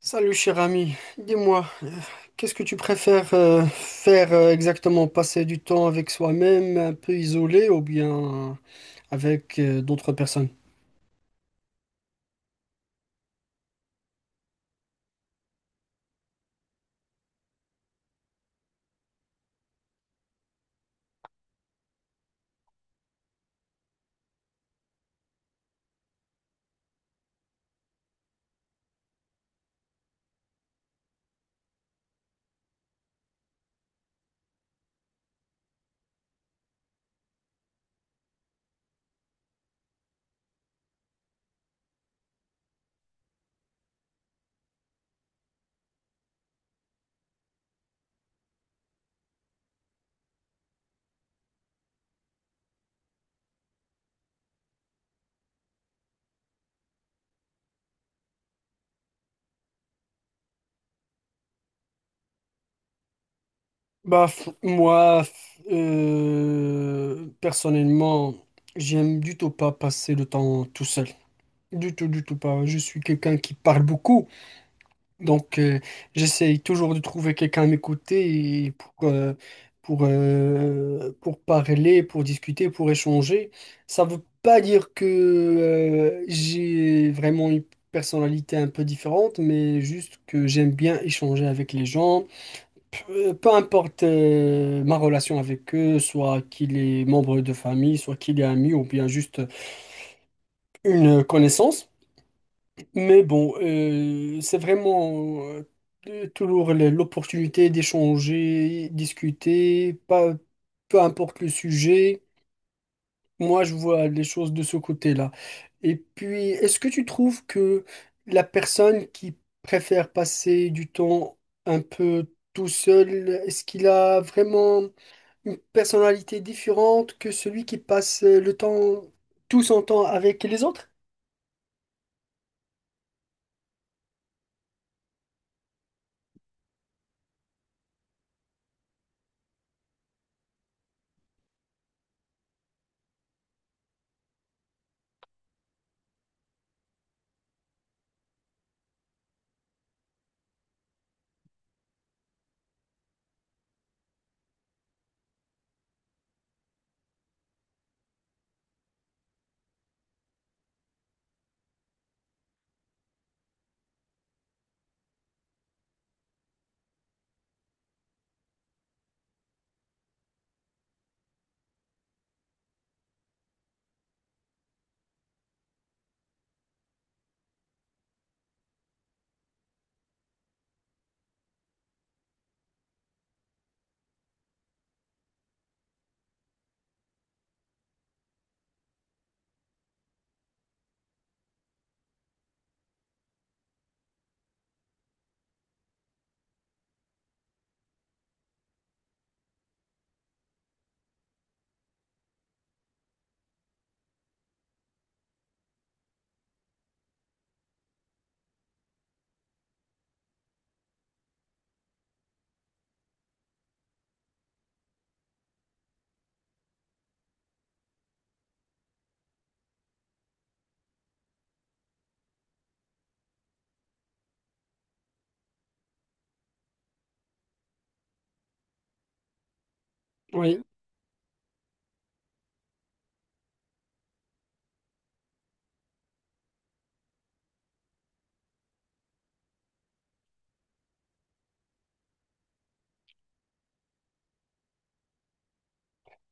Salut cher ami, dis-moi, qu'est-ce que tu préfères faire exactement? Passer du temps avec soi-même, un peu isolé, ou bien avec d'autres personnes? Personnellement, j'aime du tout pas passer le temps tout seul. Du tout pas. Je suis quelqu'un qui parle beaucoup. Donc, j'essaye toujours de trouver quelqu'un à m'écouter et pour parler, pour discuter, pour échanger. Ça ne veut pas dire que j'ai vraiment une personnalité un peu différente, mais juste que j'aime bien échanger avec les gens. Peu, peu importe ma relation avec eux, soit qu'il est membre de famille, soit qu'il est ami ou bien juste une connaissance. Mais bon, c'est vraiment toujours l'opportunité d'échanger, discuter, pas, peu importe le sujet. Moi, je vois les choses de ce côté-là. Et puis, est-ce que tu trouves que la personne qui préfère passer du temps un peu tout seul, est-ce qu'il a vraiment une personnalité différente que celui qui passe le temps, tout son temps avec les autres?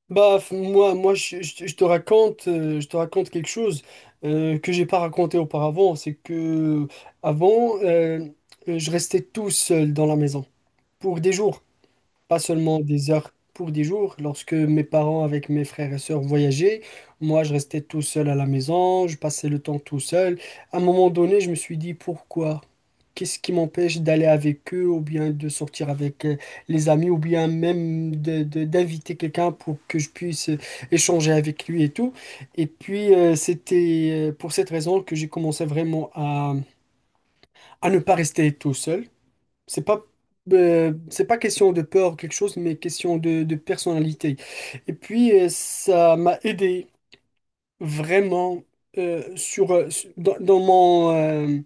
Je te raconte, je te raconte quelque chose que j'ai pas raconté auparavant. C'est que avant, je restais tout seul dans la maison pour des jours, pas seulement des heures, pour des jours. Lorsque mes parents avec mes frères et sœurs voyageaient, moi, je restais tout seul à la maison, je passais le temps tout seul. À un moment donné, je me suis dit pourquoi? Qu'est-ce qui m'empêche d'aller avec eux ou bien de sortir avec les amis ou bien même de, d'inviter quelqu'un pour que je puisse échanger avec lui et tout. Et puis, c'était pour cette raison que j'ai commencé vraiment à ne pas rester tout seul. C'est pas, c'est pas question de peur ou quelque chose, mais question de personnalité. Et puis, ça m'a aidé vraiment euh, sur, euh, dans, dans mon... euh,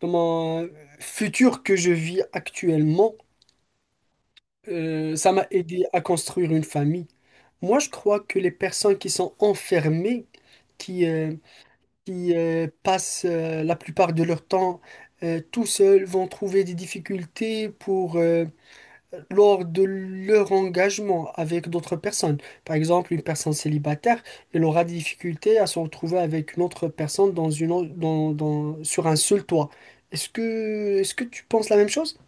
dans mon futur que je vis actuellement, ça m'a aidé à construire une famille. Moi, je crois que les personnes qui sont enfermées, qui, euh, qui passent la plupart de leur temps tout seuls, vont trouver des difficultés pour, lors de leur engagement avec d'autres personnes. Par exemple, une personne célibataire, elle aura des difficultés à se retrouver avec une autre personne dans sur un seul toit. Est-ce que tu penses la même chose?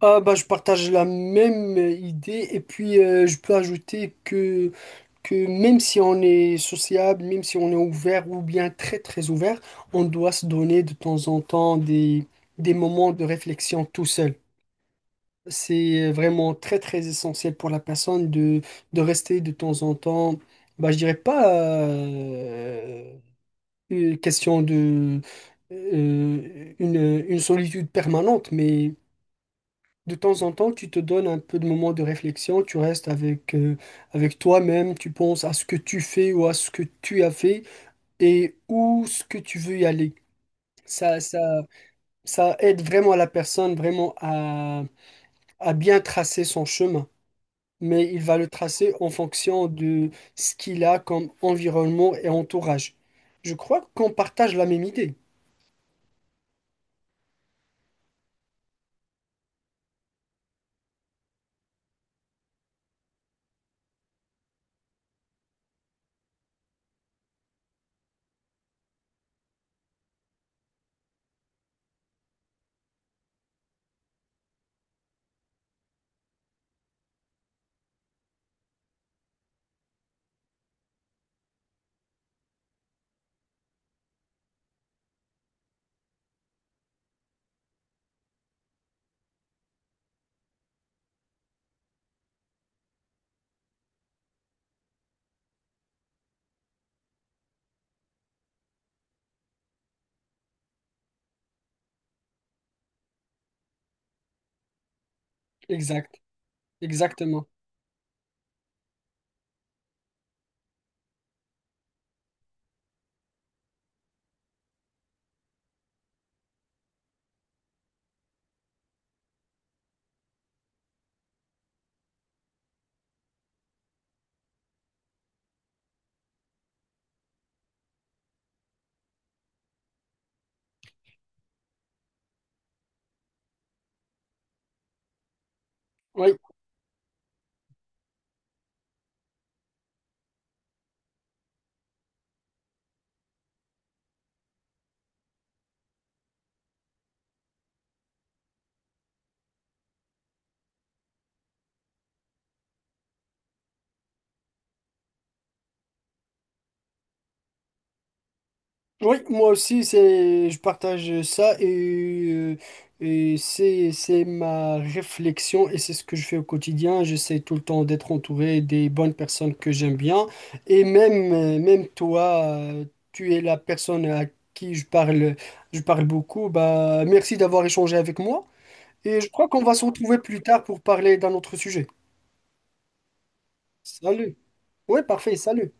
Ah bah, je partage la même idée et puis je peux ajouter que même si on est sociable, même si on est ouvert ou bien très très ouvert, on doit se donner de temps en temps des moments de réflexion tout seul. C'est vraiment très très essentiel pour la personne de rester de temps en temps, bah, je dirais pas euh, une question de une solitude permanente, mais de temps en temps tu te donnes un peu de moments de réflexion, tu restes avec, avec toi-même, tu penses à ce que tu fais ou à ce que tu as fait et où ce que tu veux y aller. Ça, ça, ça aide vraiment la personne vraiment à bien tracer son chemin. Mais il va le tracer en fonction de ce qu'il a comme environnement et entourage. Je crois qu'on partage la même idée. Exact, exactement. Oui, oui, moi aussi, c'est, je partage ça et c'est ma réflexion et c'est ce que je fais au quotidien. J'essaie tout le temps d'être entouré des bonnes personnes que j'aime bien. Et même, même toi, tu es la personne à qui je parle beaucoup. Bah, merci d'avoir échangé avec moi. Et je crois qu'on va se retrouver plus tard pour parler d'un autre sujet. Salut. Oui, parfait, salut.